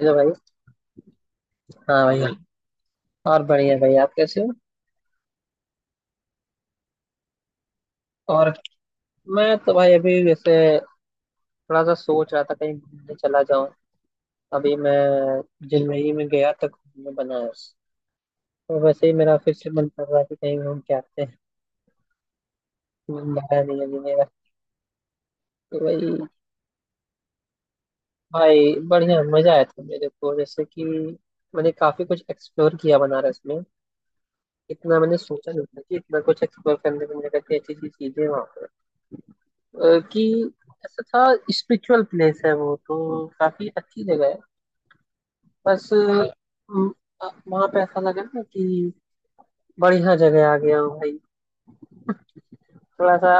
Hello भाई। हाँ भाई, और बढ़िया भाई, आप कैसे हो? और, मैं तो भाई अभी वैसे थोड़ा सा सोच रहा था कहीं घूमने चला जाऊं। अभी मैं जलमई में गया था घूमने, बनारस। तो वैसे ही मेरा फिर से मन कर रहा है कि कहीं घूम के आते हैं। मन भरा नहीं अभी मेरा। तो भाई, भाई बढ़िया मजा आया था मेरे को, जैसे कि मैंने काफी कुछ एक्सप्लोर किया बनारस में। इतना मैंने सोचा नहीं था कि इतना कुछ एक्सप्लोर करने को मिलेगा, कि अच्छी अच्छी चीजें वहाँ कि ऐसा था। स्पिरिचुअल प्लेस है वो, तो काफी अच्छी जगह है। बस वहां पे ऐसा लगा ना कि बढ़िया जगह आ गया हूँ भाई। थोड़ा सा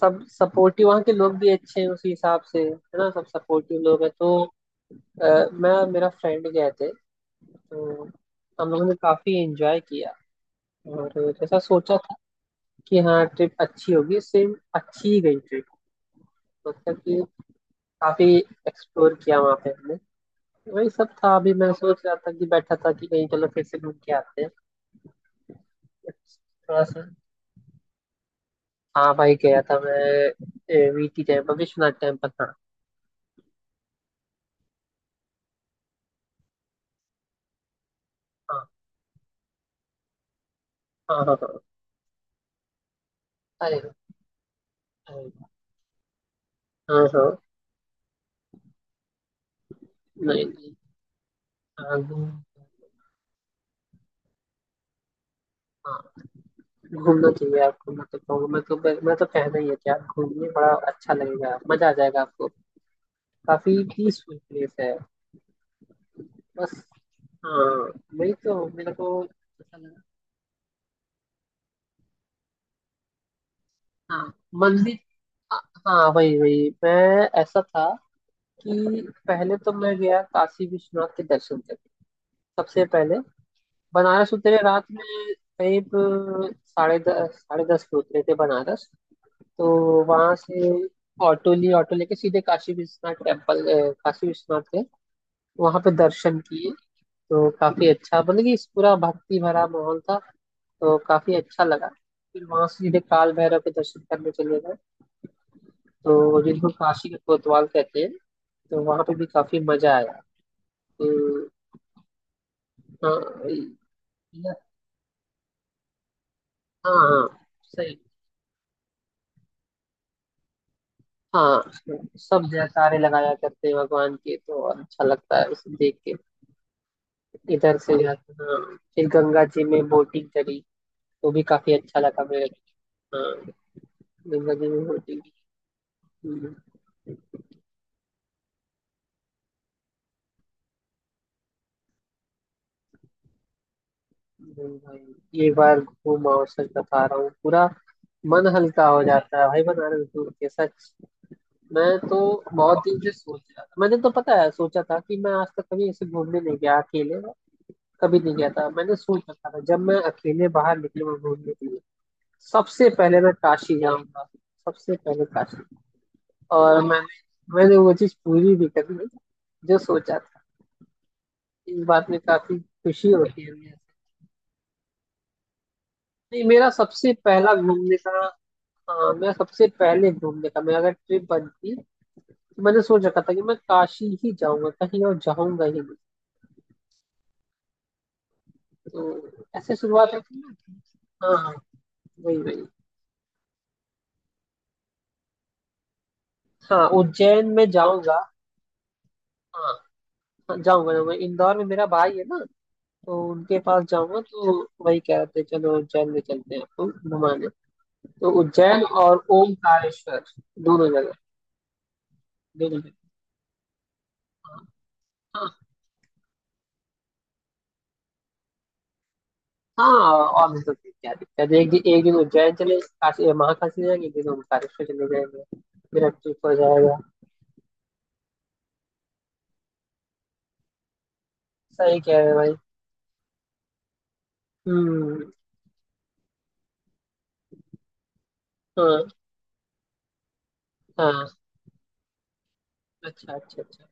सब सपोर्टिव, वहाँ के लोग भी अच्छे हैं उसी हिसाब से, है ना, सब सपोर्टिव लोग हैं। तो मैं और मेरा फ्रेंड गए थे। तो हम लोगों ने काफी एंजॉय किया। और जैसा सोचा था कि हाँ ट्रिप अच्छी होगी, सेम अच्छी ही गई ट्रिप। मतलब कि काफी एक्सप्लोर किया वहाँ पे हमने। वही सब था, अभी मैं सोच रहा था कि बैठा था कि नहीं, चलो फिर से घूम के आते हैं। थोड़ा सा। हाँ भाई, गया था मैं, वीटी टेम्पल, विश्वनाथ टेम्पल। हाँ। हाँ हाँ हाँ हाँ। अरे, अरे, हाँ हाँ। नहीं नहीं। हाँ, घूम। हाँ, घूमना चाहिए आपको, मैं तो कहूँगा। मैं तो कहना ही है कि आप घूमिए, बड़ा अच्छा लगेगा, मजा आ जाएगा आपको। काफी पीसफुल प्लेस है। बस। हाँ, वही तो मेरे को ऐसा लगा। हाँ, मंदिर। हाँ हाँ, वही वही। मैं ऐसा था कि पहले तो मैं गया काशी विश्वनाथ के दर्शन करने, सबसे पहले। बनारस उतरे रात में, करीब 10:30, 10:30 पे उतरे थे बनारस। तो वहां से ऑटो लिए, ऑटो लेके सीधे काशी विश्वनाथ टेम्पल, काशी विश्वनाथ गए। वहां पे दर्शन किए। तो काफी अच्छा, मतलब कि इस पूरा भक्ति भरा माहौल था, तो काफी अच्छा लगा। फिर वहां से सीधे काल भैरव के दर्शन करने चले गए। तो जिनको काशी के कोतवाल कहते हैं, तो वहां पे भी काफी मजा आया। तो हाँ। या- हाँ हाँ। सही। हाँ। सब जयकारे लगाया करते हैं भगवान के, तो और अच्छा लगता है उसे देख के। इधर से जाते हाँ, फिर गंगा जी में बोटिंग करी। वो भी काफी अच्छा लगा मेरे को। हाँ, गंगा जी में बोटिंग। ये बार घूम, और सच बता रहा हूँ पूरा, मन हल्का हो जाता है भाई बनारस घूम के, सच। मैं तो बहुत दिन से सोच रहा था, मैंने तो पता है सोचा था कि मैं आज तक कभी ऐसे घूमने नहीं गया अकेले, कभी नहीं गया था। मैंने सोच रखा था जब मैं अकेले बाहर निकलूंगा घूमने के लिए, सबसे पहले मैं काशी जाऊंगा। सबसे पहले काशी। और मैंने मैंने वो चीज पूरी भी कर ली जो सोचा था। इस बात में काफी खुशी होती है मुझे। नहीं, मेरा सबसे पहला घूमने का। हाँ, मेरा सबसे पहले घूमने का, मैं अगर ट्रिप बनती तो मैंने सोच रखा था कि मैं काशी ही जाऊंगा, कहीं और जाऊंगा ही नहीं। तो ऐसे शुरुआत होती है ना। हाँ हाँ। वही वही। हाँ, उज्जैन में जाऊंगा। हाँ, जाऊंगा जाऊंगा, इंदौर में मेरा भाई है ना, तो उनके पास जाऊंगा तो वही कह रहे थे चलो उज्जैन में चलते हैं, तो घुमाने। तो उज्जैन और ओमकारेश्वर, दोनों जगह, दोनों जगह। हाँ हाँ, और भी तो क्या दिक्कत है, एक दिन उज्जैन चले काशी महाकाशी जाएंगे, एक दिन ओमकारेश्वर चले जाएंगे। मेरा ट्रिप हो जाएगा। सही कह रहे हैं भाई। हम्म। हाँ हाँ। अच्छा अच्छा अच्छा।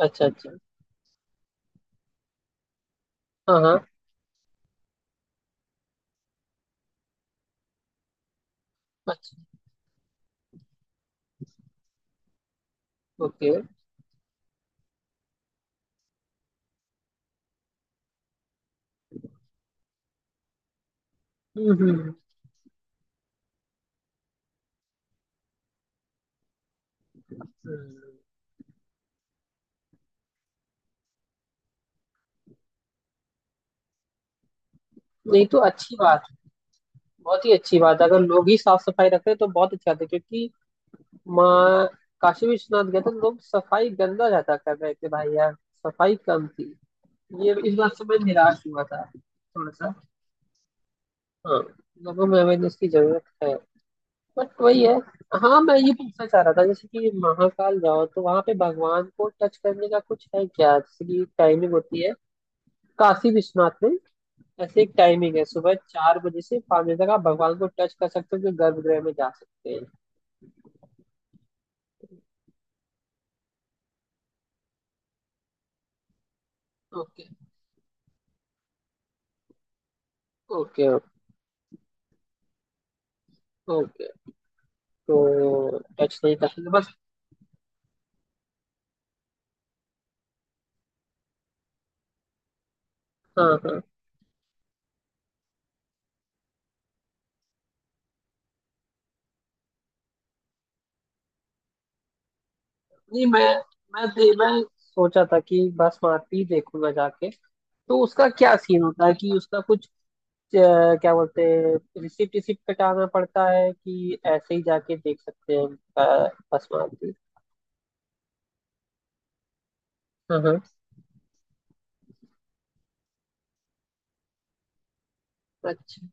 अच्छा अच्छा। हाँ हाँ। अच्छा। ओके। हम्म हम्म हम्म। हम्म। नहीं तो अच्छी बात, बहुत ही अच्छी बात है अगर लोग ही साफ सफाई रख रहे हैं तो, बहुत अच्छी बात है क्योंकि माँ काशी विश्वनाथ गए थे तो लोग सफाई गंदा ज्यादा कर रहे थे भाई यार, सफाई कम थी। ये इस बात से मैं निराश हुआ था थोड़ा सा। हाँ, लोगों में अवेयरनेस की जरूरत है। बट वही है। हाँ, मैं ये पूछना चाह रहा था जैसे कि महाकाल जाओ तो वहां पे भगवान को टच करने का कुछ है क्या, जैसे कि टाइमिंग होती है? काशी विश्वनाथ में ऐसे एक टाइमिंग है, सुबह 4 बजे से 5 बजे तक आप भगवान को टच कर सकते हो, जो गर्भगृह में जा सकते हैं। ओके। ओके। ओके, तो टच नहीं करेंगे बस। हाँ हाँ। नहीं, मैं सोचा था कि बासमती देखूंगा जाके, तो उसका क्या सीन होता है, कि उसका कुछ अ, क्या बोलते हैं, रिसिप्ट, रिसिप्ट कटाना पड़ता है, कि ऐसे ही जाके देख सकते हैं? बासमती। हाँ हाँ। अच्छा।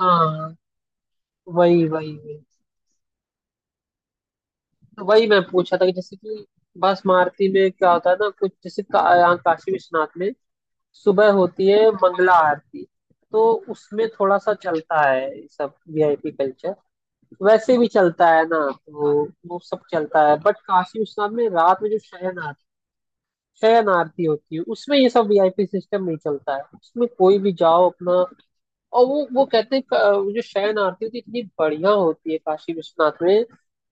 हाँ, वही वही वही, तो वही मैं पूछा था कि जैसे कि बासमती में क्या होता है ना, कुछ जैसे का, यहाँ काशी विश्वनाथ में सुबह होती है मंगला आरती, तो उसमें थोड़ा सा चलता है ये सब वीआईपी कल्चर, वैसे भी चलता है ना तो वो सब चलता है। बट काशी विश्वनाथ में रात में जो शयन आरती, शयन आरती होती है उसमें ये सब वीआईपी सिस्टम नहीं चलता है, उसमें कोई भी जाओ अपना। और वो कहते हैं, वो जो शयन आरती होती है इतनी बढ़िया होती है काशी विश्वनाथ में,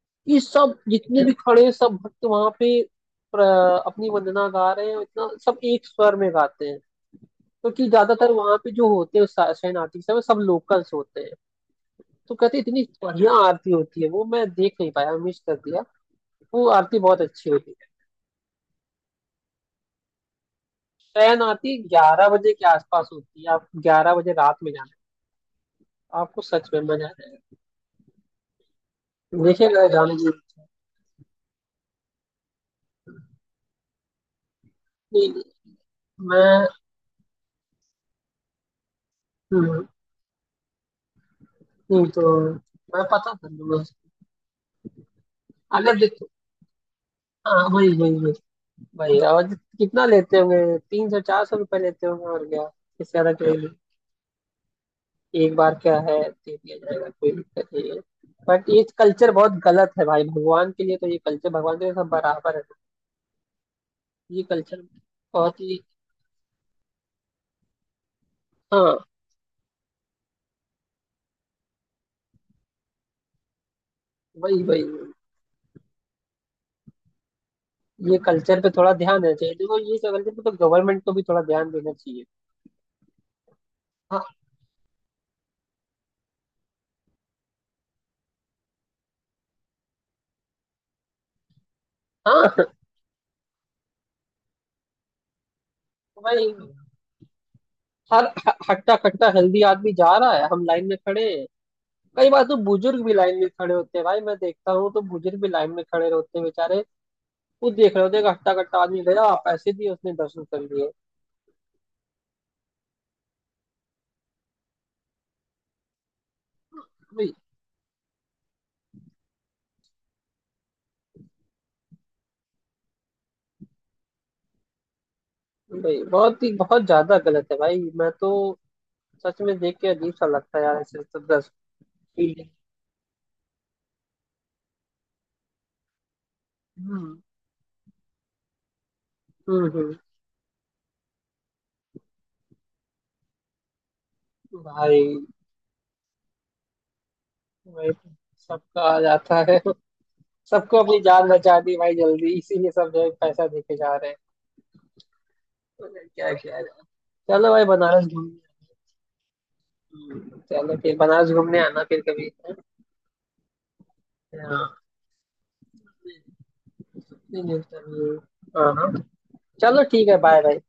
कि सब जितने भी खड़े हैं, सब भक्त वहां पे अपनी वंदना गा रहे हैं, और इतना सब एक स्वर में गाते हैं, क्योंकि ज्यादातर वहां पे जो होते हैं शाइन आर्टिस्ट है, वो सब लोकल्स होते हैं। तो कहते हैं, इतनी बढ़िया आरती होती है, वो मैं देख नहीं पाया, मिस कर दिया। वो आरती बहुत अच्छी होती है। शयन आरती 11 बजे के आसपास होती है, आप 11 बजे रात में जाना, आपको सच में मजा आ जाएगा। देखिएगा, जाने की इच्छा है। नहीं, नहीं, मैं। हम्म, नहीं तो मैं पता कर लूंगा। अगर देखो, हाँ, वही वही वही। वही, और कितना लेते होंगे, 300 400 रुपये लेते होंगे, और क्या। इससे ज्यादा कोई, एक बार क्या है, दे दिया जाएगा, कोई दिक्कत नहीं है। बट ये कल्चर बहुत गलत है भाई, भगवान के लिए तो, ये कल्चर, भगवान के लिए सब बराबर है। ये कल्चर बहुत ही। हाँ वही वही वही। ये कल्चर पे थोड़ा ध्यान देना चाहिए, देखो, ये सब कल्चर पे तो गवर्नमेंट को भी थोड़ा ध्यान देना चाहिए। हाँ हाँ। भाई, हर हट्टा कट्टा हेल्दी आदमी जा रहा है, हम लाइन में खड़े हैं। कई बार तो बुजुर्ग भी लाइन में खड़े होते हैं भाई, मैं देखता हूँ तो बुजुर्ग भी लाइन में खड़े होते हैं बेचारे। वो देख रहे होते हैं कि हट्टा कट्टा आदमी गया, आप पैसे दिए उसने दर्शन कर लिए। भाई बहुत ही, बहुत ज्यादा गलत है भाई, मैं तो सच में देख के अजीब सा लगता है यार, ऐसे तो दस फीलिंग। हम्म हम्म हम्म। भाई। भाई, सबका आ जाता है। सबको अपनी जान बचा दी भाई जल्दी, इसीलिए सब जो है पैसा देके जा रहे हैं, क्या क्या। चलो भाई बनारस घूमने। चलो फिर बनारस घूमने आना फिर कभी। हाँ। नहीं, नहीं, नहीं, चलो। हाँ हाँ। चलो ठीक है, बाय बाय।